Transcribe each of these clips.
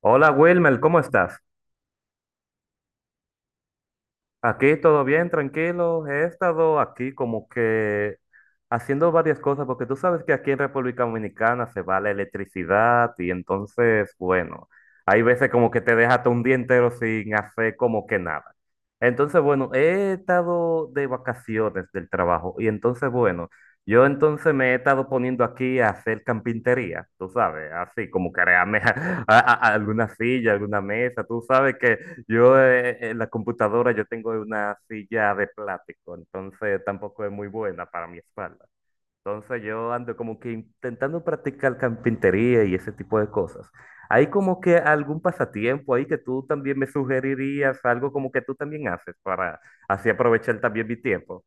Hola Wilmer, ¿cómo estás? Aquí todo bien, tranquilo. He estado aquí como que haciendo varias cosas, porque tú sabes que aquí en República Dominicana se va la electricidad y entonces, bueno, hay veces como que te dejas un día entero sin hacer como que nada. Entonces, bueno, he estado de vacaciones del trabajo y entonces, bueno, yo entonces me he estado poniendo aquí a hacer carpintería, tú sabes, así como crearme alguna silla, alguna mesa, tú sabes que... Yo en la computadora yo tengo una silla de plástico, entonces tampoco es muy buena para mi espalda. Entonces yo ando como que intentando practicar carpintería y ese tipo de cosas. ¿Hay como que algún pasatiempo ahí que tú también me sugerirías, algo como que tú también haces para así aprovechar también mi tiempo?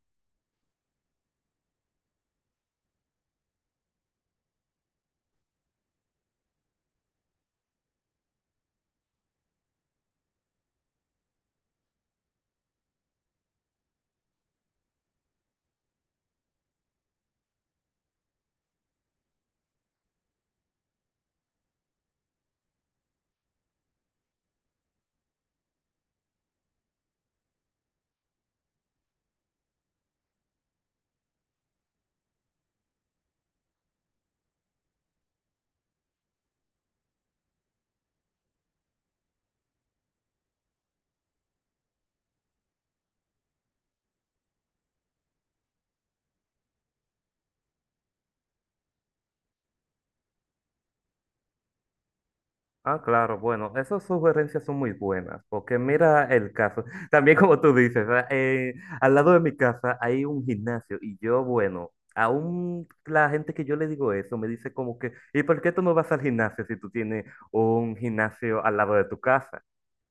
Ah, claro, bueno, esas sugerencias son muy buenas, porque mira el caso, también como tú dices, ah, al lado de mi casa hay un gimnasio y yo, bueno, aún la gente que yo le digo eso me dice como que, ¿y por qué tú no vas al gimnasio si tú tienes un gimnasio al lado de tu casa?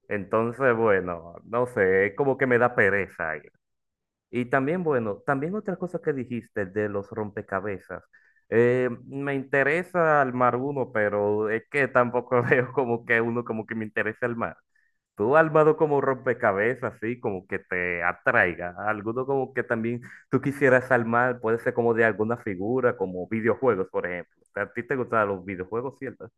Entonces, bueno, no sé, es como que me da pereza. Y también, bueno, también otra cosa que dijiste de los rompecabezas. Me interesa armar uno, pero es que tampoco veo como que uno como que me interesa armar. Tú has armado como rompecabezas, así como que te atraiga. Alguno como que también tú quisieras armar, puede ser como de alguna figura, como videojuegos, por ejemplo. ¿A ti te gustan los videojuegos, cierto?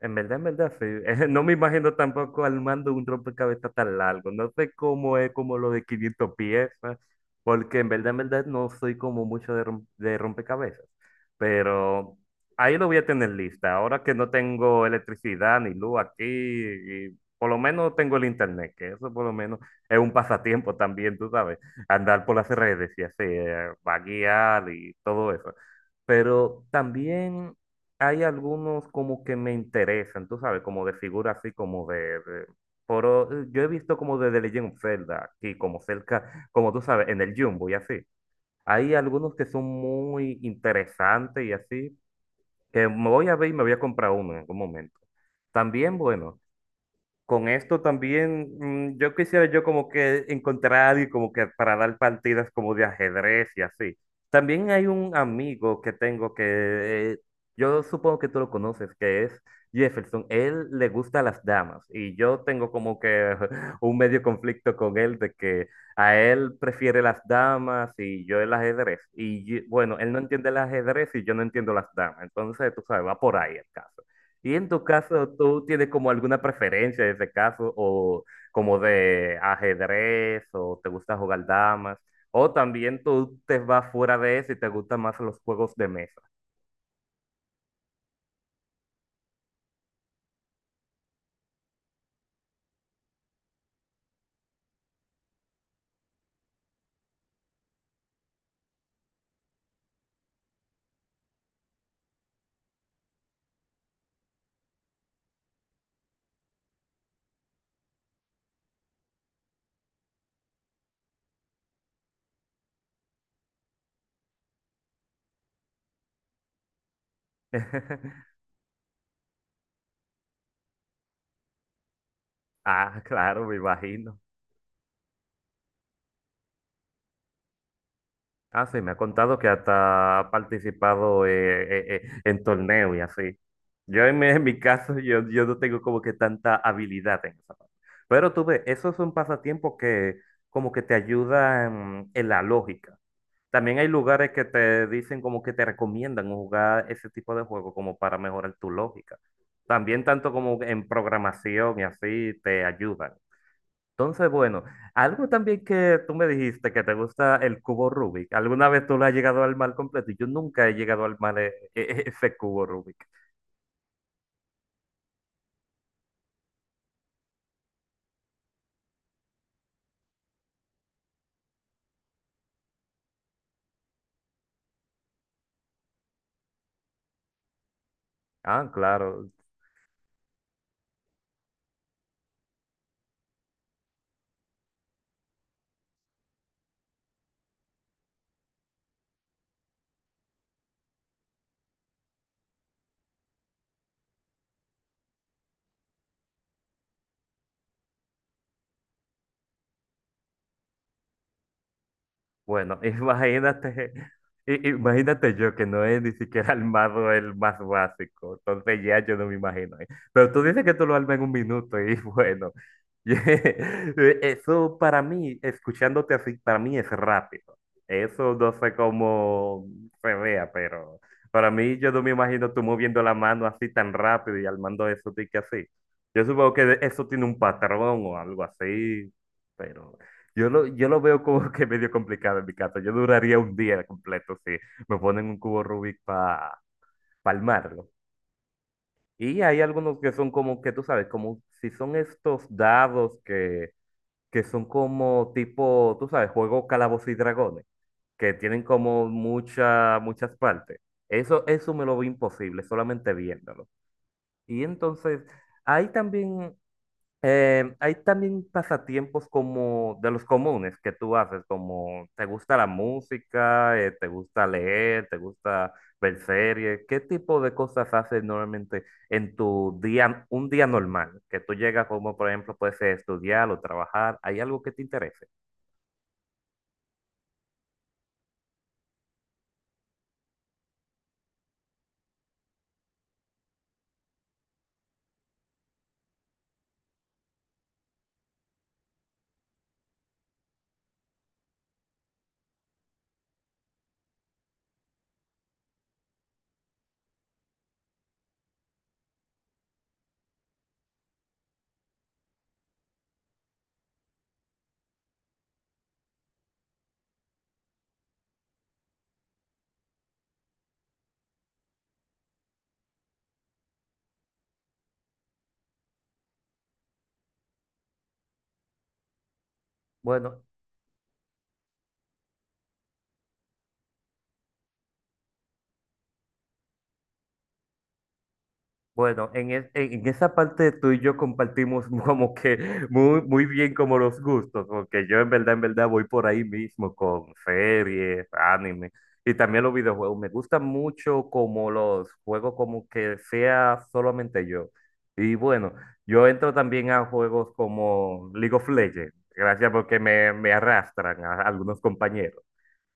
En verdad, sí. No me imagino tampoco armando un rompecabezas tan largo. No sé cómo es como lo de 500 piezas, porque en verdad, no soy como mucho de, de rompecabezas. Pero ahí lo voy a tener lista. Ahora que no tengo electricidad ni luz aquí, y por lo menos tengo el internet, que eso por lo menos es un pasatiempo también, tú sabes. Andar por las redes y así, vaguear y todo eso. Pero también hay algunos como que me interesan, tú sabes, como de figura así como pero yo he visto como de The Legend of Zelda, aquí como cerca, como tú sabes, en el Jumbo y así. Hay algunos que son muy interesantes y así, que me voy a ver y me voy a comprar uno en algún momento. También, bueno. Con esto también, yo quisiera yo como que encontrar a alguien como que para dar partidas como de ajedrez y así. También hay un amigo que tengo que eh, yo supongo que tú lo conoces, que es Jefferson. Él le gusta las damas y yo tengo como que un medio conflicto con él de que a él prefiere las damas y yo el ajedrez. Bueno, él no entiende el ajedrez y yo no entiendo las damas. Entonces, tú sabes, va por ahí el caso. Y en tu caso, ¿tú tienes como alguna preferencia en ese caso? ¿O como de ajedrez? ¿O te gusta jugar damas? ¿O también tú te vas fuera de eso y te gustan más los juegos de mesa? Ah, claro, me imagino. Ah, sí, me ha contado que hasta ha participado en torneos y así. Yo en mi caso, yo no tengo como que tanta habilidad en esa parte. Pero tú ves, eso es un pasatiempo que como que te ayuda en la lógica. También hay lugares que te dicen como que te recomiendan jugar ese tipo de juego como para mejorar tu lógica. También tanto como en programación y así te ayudan. Entonces, bueno, algo también que tú me dijiste que te gusta el cubo Rubik. ¿Alguna vez tú lo has llegado al mal completo? Yo nunca he llegado al mal ese cubo Rubik. Ah, claro. Bueno, imagínate, imagínate yo que no es ni siquiera el mazo el más básico, entonces ya yo no me imagino ahí. Pero tú dices que tú lo armas en un minuto y bueno, eso para mí, escuchándote así, para mí es rápido. Eso no sé cómo se vea, pero para mí yo no me imagino tú moviendo la mano así tan rápido y armando eso de que así. Yo supongo que eso tiene un patrón o algo así, pero... yo lo veo como que medio complicado en mi caso. Yo duraría un día completo si me ponen un cubo Rubik para palmarlo. Y hay algunos que son como que tú sabes, como si son estos dados que son como tipo, tú sabes, juego Calabozos y Dragones, que tienen como muchas partes. Eso me lo veo imposible, solamente viéndolo. Y entonces, hay también hay también pasatiempos como de los comunes que tú haces, como te gusta la música, te gusta leer, te gusta ver series. ¿Qué tipo de cosas haces normalmente en tu día, un día normal? Que tú llegas como, por ejemplo, puedes estudiar o trabajar. ¿Hay algo que te interese? Bueno, Bueno, en esa parte tú y yo compartimos como que muy, muy bien como los gustos, porque yo en verdad voy por ahí mismo con series, anime y también los videojuegos. Me gustan mucho como los juegos como que sea solamente yo. Y bueno, yo entro también a juegos como League of Legends, gracias porque me arrastran a algunos compañeros.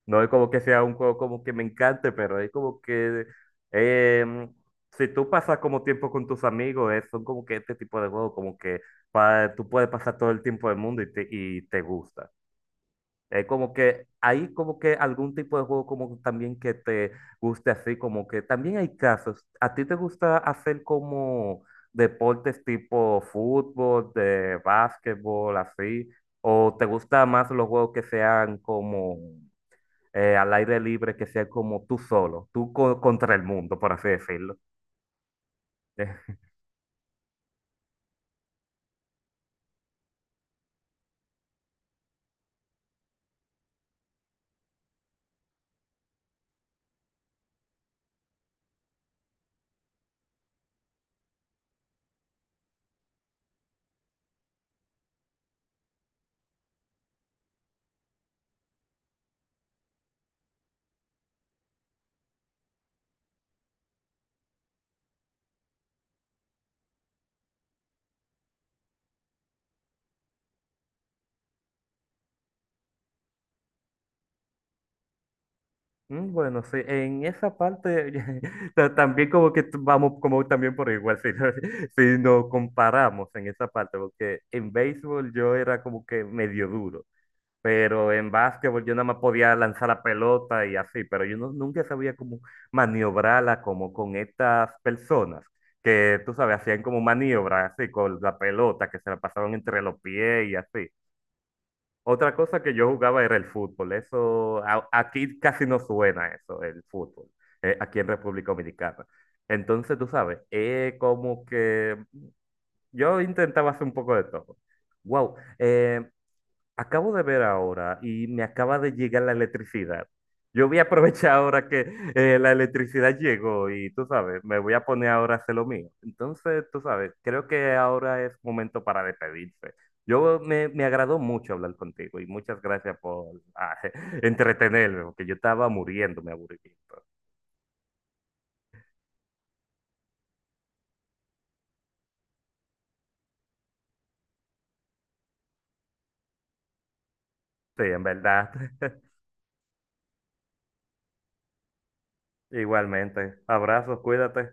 No es como que sea un juego como que me encante, pero es como que em, si tú pasas como tiempo con tus amigos, son como que este tipo de juegos, como que tú puedes pasar todo el tiempo del mundo y te gusta. Es como que hay como que algún tipo de juego como también que te guste así, como que también hay casos. ¿A ti te gusta hacer como deportes tipo fútbol, de básquetbol, así? ¿O te gusta más los juegos que sean como al aire libre que sea como tú solo, contra el mundo, por así decirlo. Bueno, sí, en esa parte también como que vamos como también por igual, si nos comparamos en esa parte, porque en béisbol yo era como que medio duro. Pero en básquetbol yo nada más podía lanzar la pelota y así, pero yo no- nunca sabía cómo maniobrarla como con estas personas que, tú sabes, hacían como maniobras así con la pelota, que se la pasaban entre los pies y así. Otra cosa que yo jugaba era el fútbol. Eso, aquí casi no suena eso, el fútbol, aquí en República Dominicana. Entonces, tú sabes, como que yo intentaba hacer un poco de todo. Wow, acabo de ver ahora y me acaba de llegar la electricidad. Yo voy a aprovechar ahora que la electricidad llegó y tú sabes, me voy a poner ahora a hacer lo mío. Entonces, tú sabes, creo que ahora es momento para despedirse. Me agradó mucho hablar contigo y muchas gracias por ah, entretenerme, porque yo estaba muriéndome me aburrimiento. Sí, en verdad. Igualmente. Abrazos, cuídate.